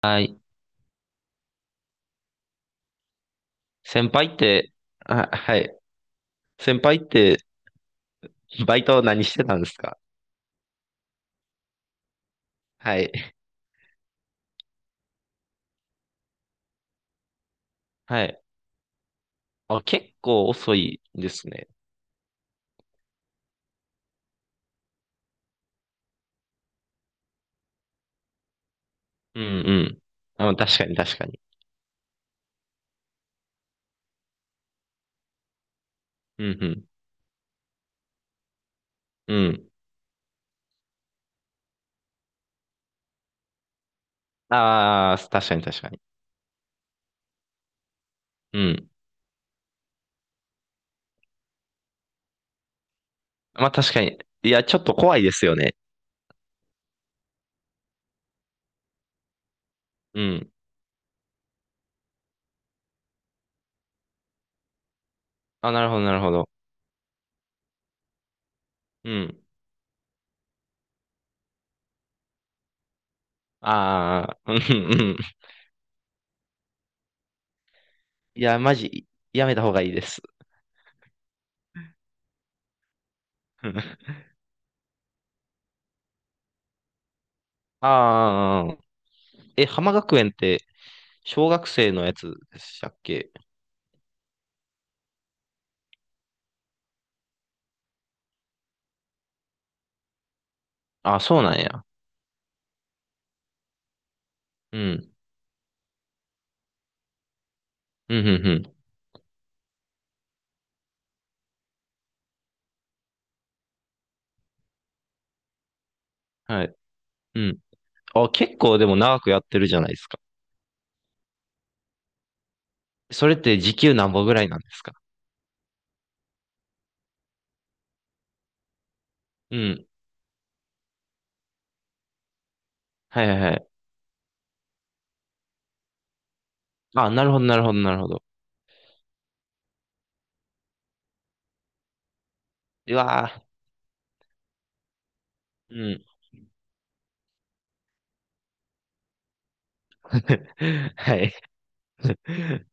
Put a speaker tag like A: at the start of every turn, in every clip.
A: はい。先輩って、あ、はい。先輩って、バイト何してたんですか？はい。はい。あ、結構遅いですね。うんうん。あ、確かに確かに。うんうん。うん。ああ、確かに確かに。うん。まあ確かに。いや、ちょっと怖いですよね。うん。あ、なるほどなるほど。うん。ああ、うんうん。いや、マジ、やめた方がいいです。ああー、え、浜学園って、小学生のやつでしたっけ？あ、そうなんや。うんうん、うん、うん。はい。うん。あ、結構でも長くやってるじゃないですか。それって時給何んぼぐらいなんですか？うん。はいはいはい。あ、なるほど、なるほど、なるほど。うわーうん。はい。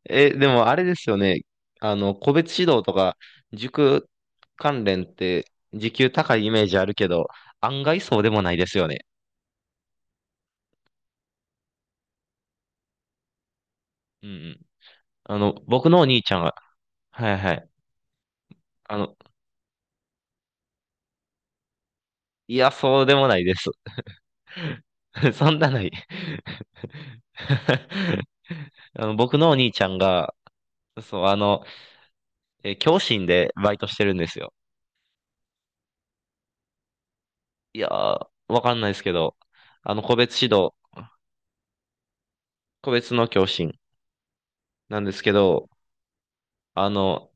A: え、でもあれですよね。あの、個別指導とか、塾関連って、時給高いイメージあるけど、案外そうでもないですよね。うんうん。あの、僕のお兄ちゃんははいはい。あの、いや、そうでもないです。そんなのい あの、僕のお兄ちゃんが、そう、あの、教師でバイトしてるんですよ。いやー、わかんないですけど、あの、個別指導、個別の教師なんですけど、あの、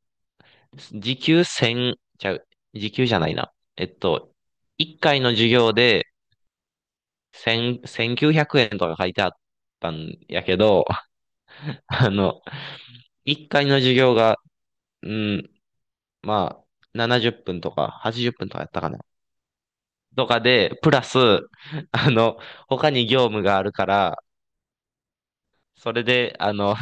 A: 時給1000、ちゃう、時給じゃないな。1回の授業で1000、9 0 0円とか書いてあったんやけど、あの、1回の授業が、うん、まあ、70分とか80分とかやったかな。とかで、プラス、あの、他に業務があるから、それで、あの、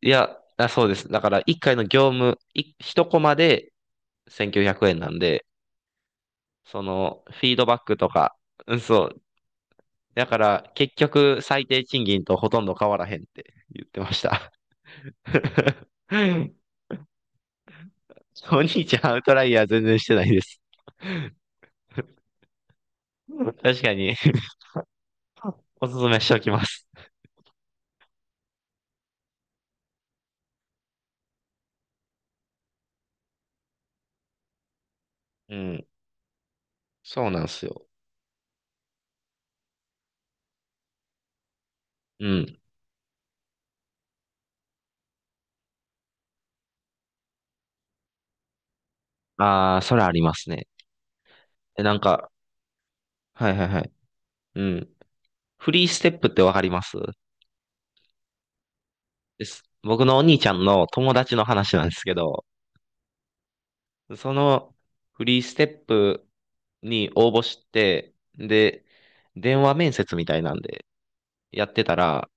A: いや、あ、そうです。だから、1回の業務、い1コマで1900円なんで、その、フィードバックとか、うん、そう。だから、結局、最低賃金とほとんど変わらへんって言ってました。お兄ちゃん、アウトライヤー全然してないです。確かに、おすすめしておきます。うん、そうなんですよ。うん。ああ、それありますね。え、なんか、はいはいはい。うん。フリーステップってわかります？です。僕のお兄ちゃんの友達の話なんですけど、そのフリーステップに応募して、で、電話面接みたいなんでやってたら、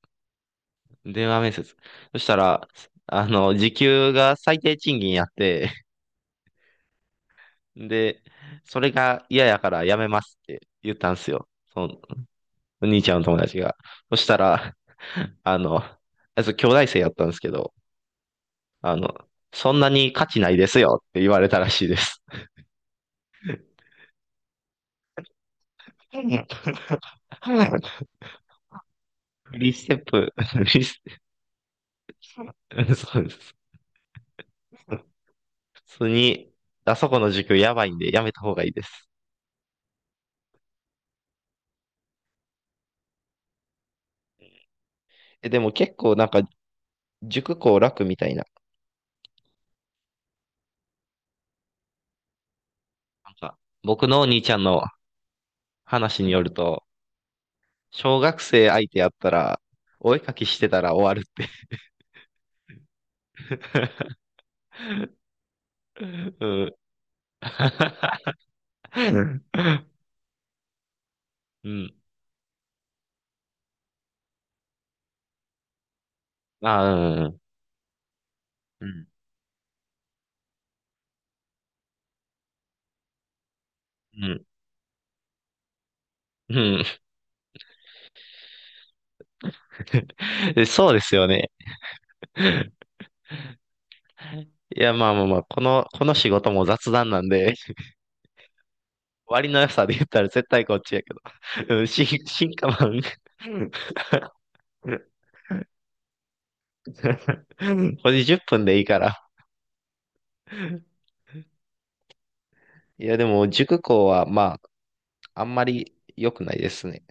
A: 電話面接。そしたら、あの、時給が最低賃金やって、で、それが嫌やからやめますって言ったんですよ。そのお兄ちゃんの友達が。そしたら、あの、あいつ兄弟生やったんですけど、あの、そんなに価値ないですよって言われたらしいです。フリーステップ、そうです。普通に、あそこの塾やばいんでやめた方がいいです。え、でも結構なんか塾校楽みたいな。なんか僕のお兄ちゃんの話によると、小学生相手やったら、お絵かきしてたら終わるって。うん。うん。あ あ、うん。うん。うん。うん そうですよね。いや、まあまあまあ、この、この仕事も雑談なんで、割の良さで言ったら絶対こっちやけど。うん、進化版。うんこれ10分でいいから。いや、でも、塾講は、まあ、あんまり良くないですね。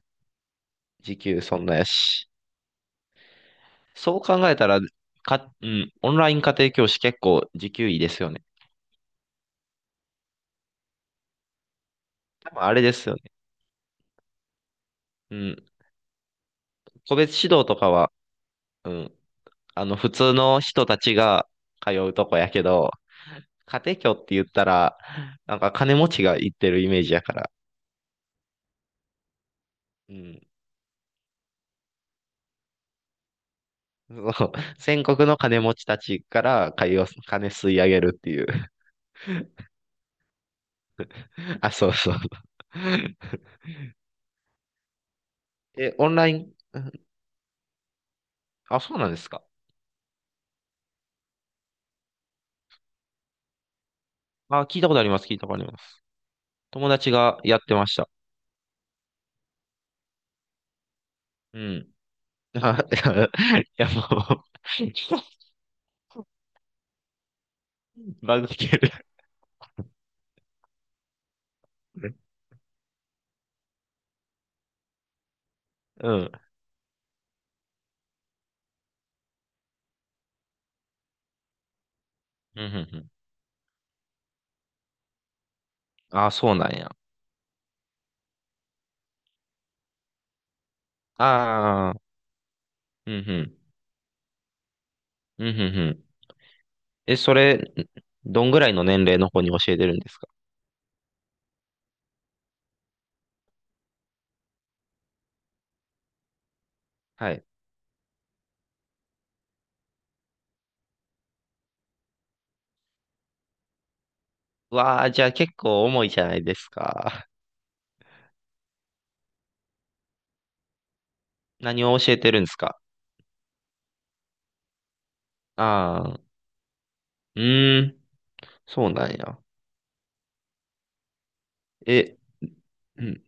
A: 時給そんなやし。そう考えたら、か、うん、オンライン家庭教師結構時給いいですよね。多分あれですよね。うん、個別指導とかは、うん、あの、普通の人たちが通うとこやけど、家庭教って言ったら、なんか金持ちが行ってるイメージやから。うん。そう、全国の金持ちたちから金を、金吸い上げるっていう。あ、そうそう。え、オンライン、あ、そうなんですか。あ、聞いたことあります、聞いたことあります。友達がやってました。うん。あ、いや、いやもう バグってる。うん。うん、うん、うん。あ、そうなんや。ああ、うん、うん。うん、うん、うん。え、それ、どんぐらいの年齢の子に教えてるんですか？はい。わあ、じゃあ結構重いじゃないですか。何を教えてるんですか？ああ、うーん、そうなんや。え、うん。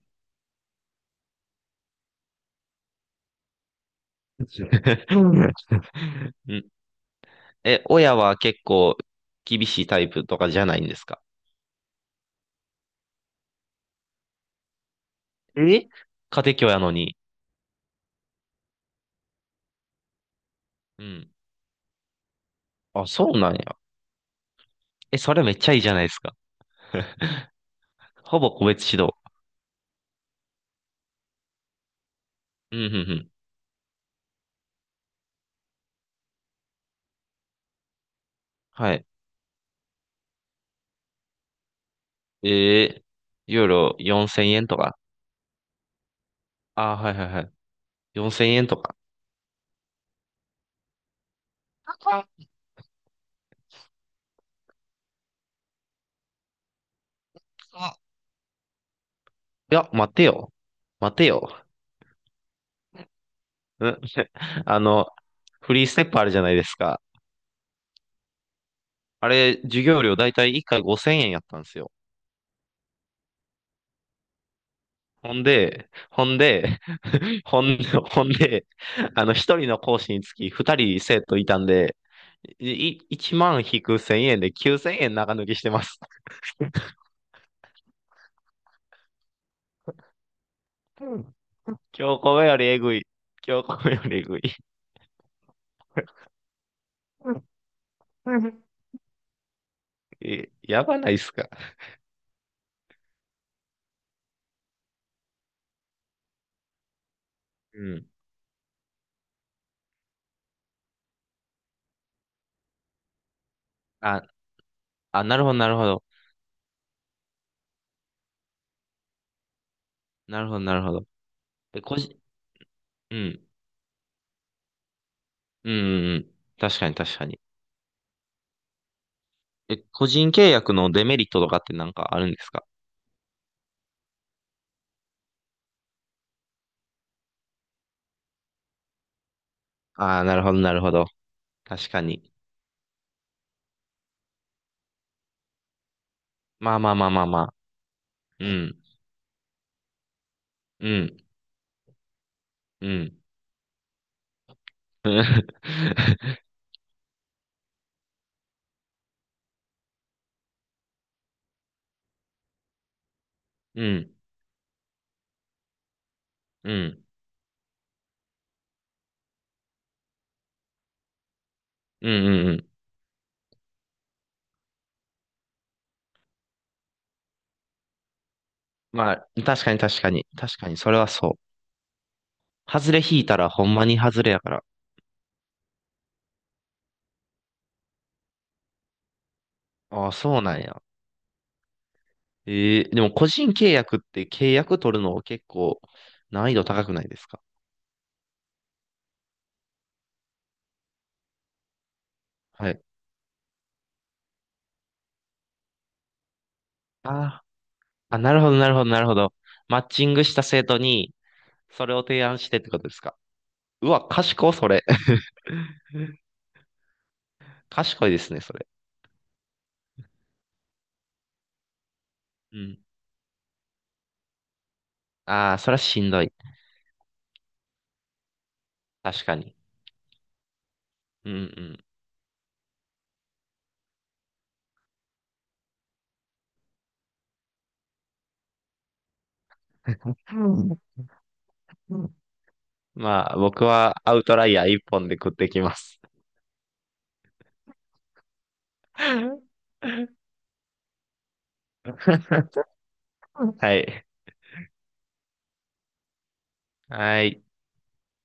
A: うんえ、親は結構厳しいタイプとかじゃないんですか？え家庭教やのに。うん。あ、そうなんや。え、それめっちゃいいじゃないですか。ほぼ個別指導。うん、うん、うん。はい。えー、ユーロ4000円とかああ、はいはいはい。4000円とか。ああいや、待てよ。待てよ。うんあの、フリーステップあるじゃないですか。あれ、授業料だいたい1回5000円やったんですよ。ほんで、ほんで、ほんで、ほんで、あの、一人の講師につき二人生徒いたんで、い、1万引く1000円で9000円長抜きしてます。うん今日これよりえぐい。今日これよりえぐい。うんえやばないっすか。うん。あ、あ、なるほど、なるほど。なるほど、なるほど。え、個人、うん、うん、うんうん。確かに、確かに。え、個人契約のデメリットとかってなんかあるんですか？ああー、なるほど、なるほど。確かに。まあまあまあまあまあ。うん、うん、うん。うん、うん、うん、うんうん。まあ、確かに、確かに。確かに、それはそう。外れ引いたらほんまに外れやから。ああ、そうなんや。えー、でも個人契約って契約取るの結構難易度高くないですか？はい。ああ、あ、なるほど、なるほど、なるほど。マッチングした生徒に、それを提案してってことですか。うわ、賢い、それ。賢いですね、それ。うん。ああ、それはしんどい。確かに。うんうん。うんうんまあ、僕はアウトライヤー一本で食ってきます。はい。はい。